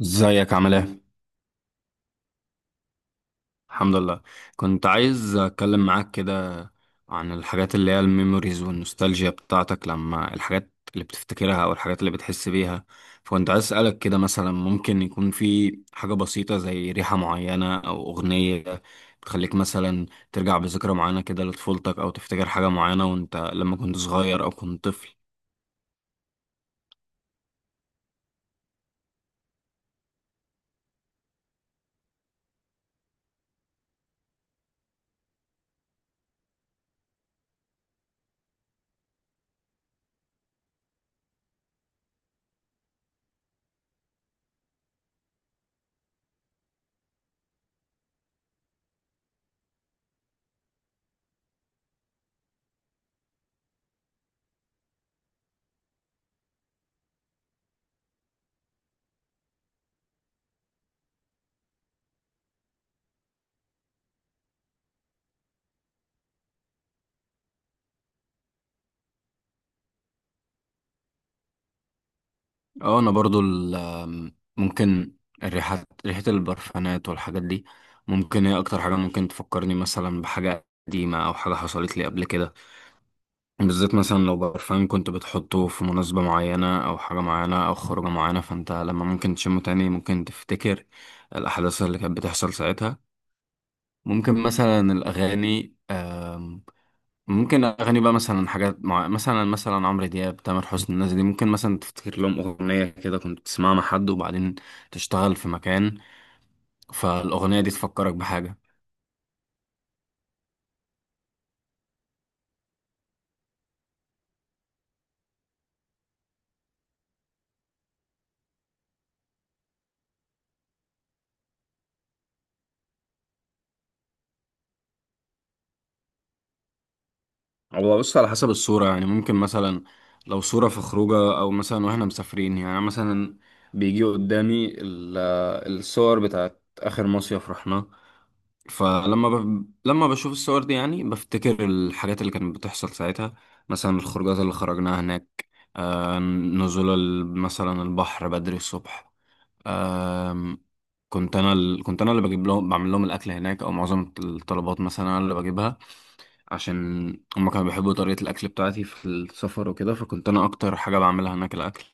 ازيك عامل ايه؟ الحمد لله. كنت عايز اتكلم معاك كده عن الحاجات اللي هي الميموريز والنوستالجيا بتاعتك، لما الحاجات اللي بتفتكرها او الحاجات اللي بتحس بيها. فكنت عايز اسألك كده، مثلا ممكن يكون في حاجة بسيطة زي ريحة معينة او اغنية بتخليك مثلا ترجع بذكرى معينة كده لطفولتك، او تفتكر حاجة معينة وانت لما كنت صغير او كنت طفل. اه، انا برضو ال- آم، ممكن الريحات، ريحة البرفانات والحاجات دي، ممكن هي اكتر حاجة ممكن تفكرني مثلا بحاجة قديمة او حاجة حصلت لي قبل كده. بالذات مثلا لو برفان كنت بتحطه في مناسبة معينة او حاجة معينة او خروجة معينة، فانت لما ممكن تشمه تاني ممكن تفتكر الاحداث اللي كانت بتحصل ساعتها. ممكن مثلا الاغاني، ممكن اغاني بقى مثلا حاجات مثلا عمرو دياب، تامر حسني، الناس دي ممكن مثلا تفتكر لهم اغنيه كده كنت تسمعها مع حد، وبعدين تشتغل في مكان، فالاغنيه دي تفكرك بحاجه. هو بص، على حسب الصوره يعني، ممكن مثلا لو صوره في خروجه او مثلا واحنا مسافرين، يعني مثلا بيجي قدامي الصور بتاعت اخر مصيف رحناه. لما بشوف الصور دي يعني بفتكر الحاجات اللي كانت بتحصل ساعتها، مثلا الخروجات اللي خرجناها هناك، نزول مثلا البحر بدري الصبح. آه كنت انا اللي بجيب لهم، بعمل لهم الاكل هناك، او معظم الطلبات مثلا انا اللي بجيبها، عشان هم كانوا بيحبوا طريقة الاكل بتاعتي في السفر وكده. فكنت انا اكتر حاجة بعملها هناك الاكل.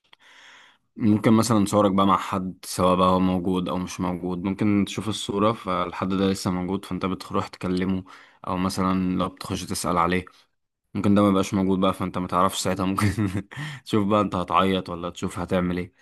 ممكن مثلا صورك بقى مع حد، سواء بقى هو موجود او مش موجود، ممكن تشوف الصورة فالحد ده لسه موجود فانت بتروح تكلمه، او مثلا لو بتخش تسأل عليه. ممكن ده ما يبقاش موجود بقى، فانت ما تعرفش ساعتها، ممكن تشوف بقى انت هتعيط ولا تشوف هتعمل ايه.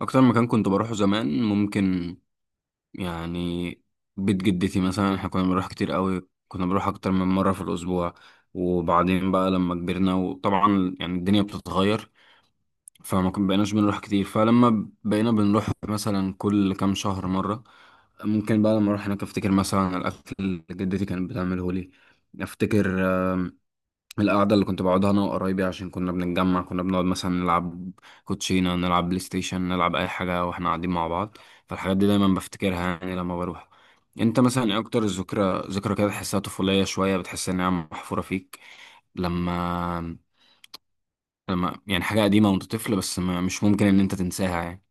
اكتر مكان كنت بروحه زمان، ممكن يعني بيت جدتي مثلا. احنا كنا بنروح كتير قوي، كنا بنروح اكتر من مرة في الاسبوع. وبعدين بقى لما كبرنا، وطبعا يعني الدنيا بتتغير، فما كن بقيناش بنروح كتير، فلما بقينا بنروح مثلا كل كام شهر مرة. ممكن بقى لما اروح هناك افتكر مثلا على الاكل اللي جدتي كانت بتعمله لي. افتكر آم، القعدة اللي كنت بقعدها انا وقرايبي، عشان كنا بنتجمع، كنا بنقعد مثلا نلعب كوتشينة، نلعب بلاي ستيشن، نلعب اي حاجة واحنا قاعدين مع بعض. فالحاجات دي دايما بفتكرها يعني لما بروح. انت مثلا ايه اكتر ذكرى كده تحسها طفولية شوية، بتحس انها محفورة فيك، لما يعني حاجة قديمة وانت طفل، بس ما مش ممكن ان انت تنساها يعني؟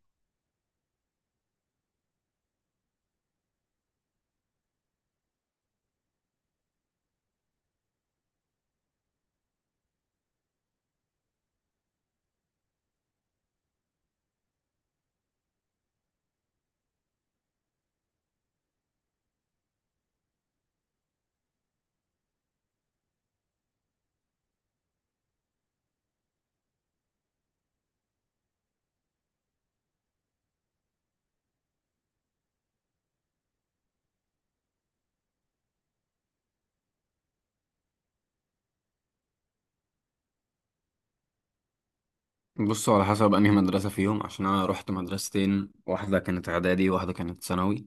بصوا، على حسب انهي مدرسة فيهم، عشان انا رحت مدرستين، واحدة كانت اعدادي وواحدة كانت ثانوي.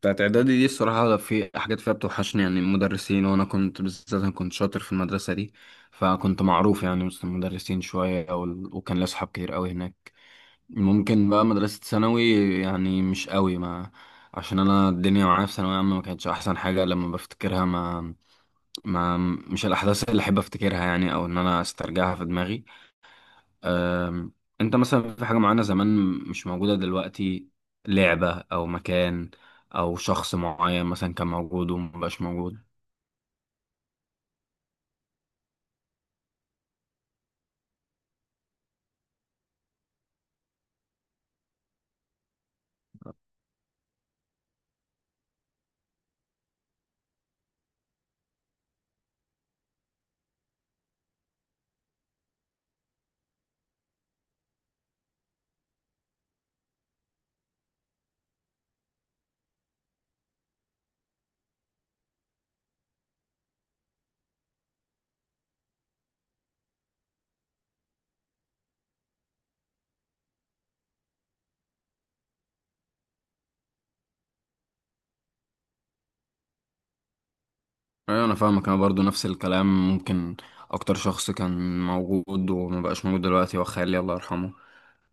بتاعت اعدادي دي الصراحة في حاجات فيها بتوحشني يعني المدرسين، وانا كنت بالذات انا كنت شاطر في المدرسة دي، فكنت معروف يعني وسط المدرسين شوية، وكان لي اصحاب كتير قوي هناك. ممكن بقى مدرسة ثانوي يعني مش قوي، ما عشان انا الدنيا معايا في ثانوية عامة ما كانتش احسن حاجة لما بفتكرها، ما ما مش الأحداث اللي أحب أفتكرها يعني، أو إن أنا أسترجعها في دماغي. أم، أنت مثلا في حاجة معينة زمان مش موجودة دلوقتي؟ لعبة أو مكان أو شخص معين مثلا كان موجود ومبقاش موجود؟ أيوة، أنا فاهمك، أنا برضو نفس الكلام. ممكن أكتر شخص كان موجود ومبقاش موجود دلوقتي هو خالي، الله يرحمه.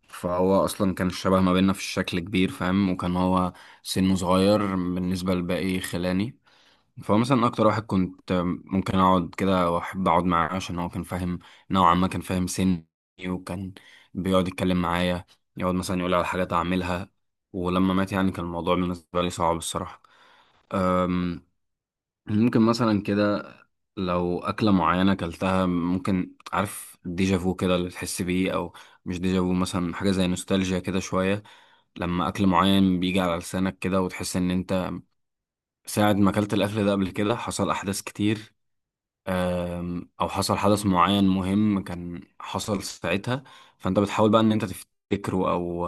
فهو أصلا كان الشبه ما بيننا في الشكل كبير، فاهم، وكان هو سنه صغير بالنسبة لباقي خلاني. فهو مثلا اكتر واحد كنت ممكن اقعد كده واحب اقعد معاه، عشان هو كان فاهم نوعا ما، كان فاهم سني، وكان بيقعد يتكلم معايا، يقعد مثلا يقول على حاجات اعملها. ولما مات يعني كان الموضوع بالنسبه لي صعب الصراحه. أم، ممكن مثلا كده لو اكله معينه اكلتها، ممكن، عارف، ديجافو كده اللي تحس بيه، او مش ديجافو، مثلا حاجه زي نوستالجيا كده شويه. لما اكل معين بيجي على لسانك كده وتحس ان انت ساعة ما اكلت الاكل ده قبل كده حصل احداث كتير، او حصل حدث معين مهم كان حصل ساعتها، فانت بتحاول بقى ان انت تفتكره،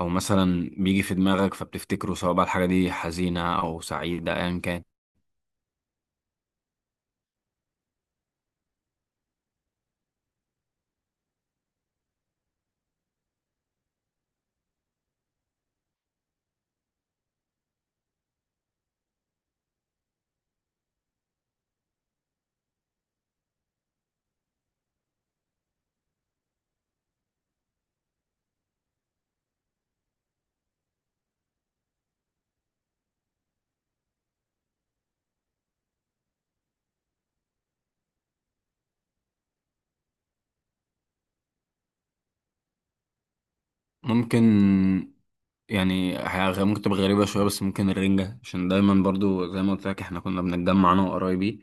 او مثلا بيجي في دماغك فبتفتكره، سواء بقى الحاجة دي حزينة او سعيدة، ايا كان. ممكن يعني ممكن تبقى غريبة شوية، بس ممكن الرنجة، عشان دايما برضو زي ما قلت لك احنا كنا بنتجمع انا وقرايبي.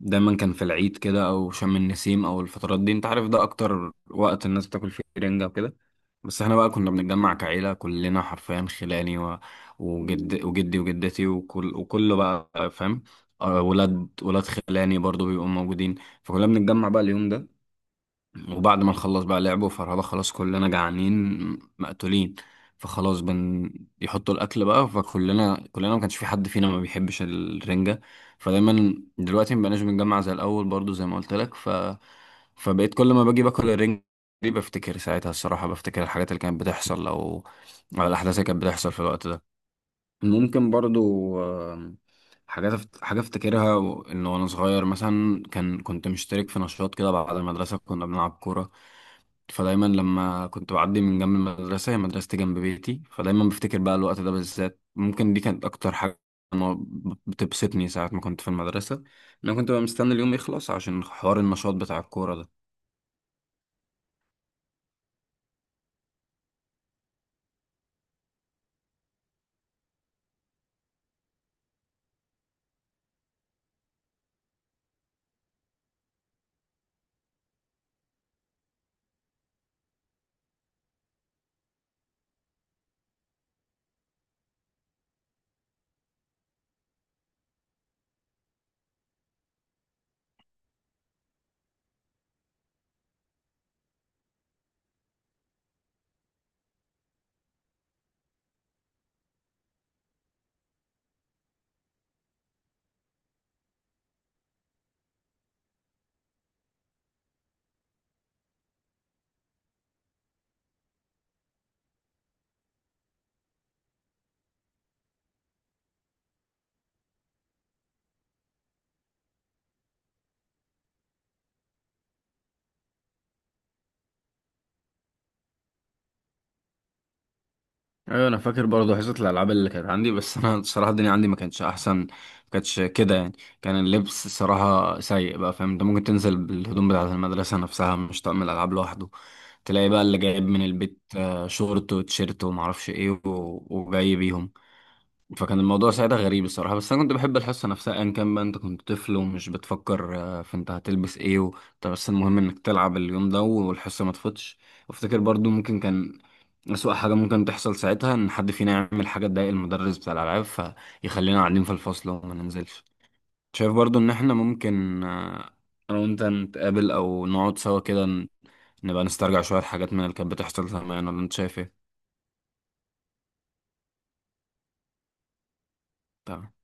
دايما كان في العيد كده او شم النسيم او الفترات دي، انت عارف ده اكتر وقت الناس بتاكل فيه رنجة وكده. بس احنا بقى كنا بنتجمع كعيلة كلنا حرفيا، خلاني وجدي وجدتي، وكله بقى فاهم. ولاد خلاني برضو بيبقوا موجودين. فكلنا بنتجمع بقى اليوم ده، وبعد ما نخلص بقى لعبه فرهدة خلاص كلنا جعانين مقتولين، فخلاص يحطوا الاكل بقى. فكلنا ما كانش في حد فينا ما بيحبش الرنجة. فدايما دلوقتي ما بقناش بنجمع زي الاول، برضو زي ما قلت لك. فبقيت كل ما باجي باكل الرنجة دي بفتكر ساعتها الصراحة، بفتكر الحاجات اللي كانت بتحصل، أو الاحداث اللي كانت بتحصل في الوقت ده. ممكن برضو آم، حاجة افتكرها ان وانا صغير مثلا كنت مشترك في نشاط كده بعد المدرسة، كنا بنلعب كورة. فدايما لما كنت بعدي من جنب المدرسة، هي مدرستي جنب بيتي، فدايما بفتكر بقى الوقت ده بالذات. ممكن دي كانت اكتر حاجة أنا بتبسطني ساعة ما كنت في المدرسة، إن انا كنت بقى مستني اليوم يخلص عشان حوار النشاط بتاع الكورة ده. ايوه، انا فاكر برضه حصه الالعاب اللي كانت عندي، بس انا الصراحه الدنيا عندي ما كانتش احسن، ما كانتش كده يعني. كان اللبس الصراحه سيء بقى، فاهم، انت ممكن تنزل بالهدوم بتاعه المدرسه نفسها مش طقم الالعاب لوحده. تلاقي بقى اللي جايب من البيت شورت وتيشيرت وما اعرفش ايه، وجاي بيهم. فكان الموضوع ساعتها غريب الصراحة، بس أنا كنت بحب الحصة نفسها أيا كان بقى. أنت كنت طفل ومش بتفكر في أنت هتلبس إيه طب بس المهم إنك تلعب اليوم ده والحصة ما تفوتش. وافتكر برضو ممكن كان أسوأ حاجة ممكن تحصل ساعتها إن حد فينا يعمل حاجة تضايق المدرس بتاع الألعاب، فيخلينا قاعدين في الفصل وما ننزلش. شايف برضو إن إحنا ممكن أنا وأنت نتقابل أو نقعد سوا كده، نبقى نسترجع شوية حاجات من اللي كانت بتحصل زمان، ولا أنت شايف إيه؟ تمام.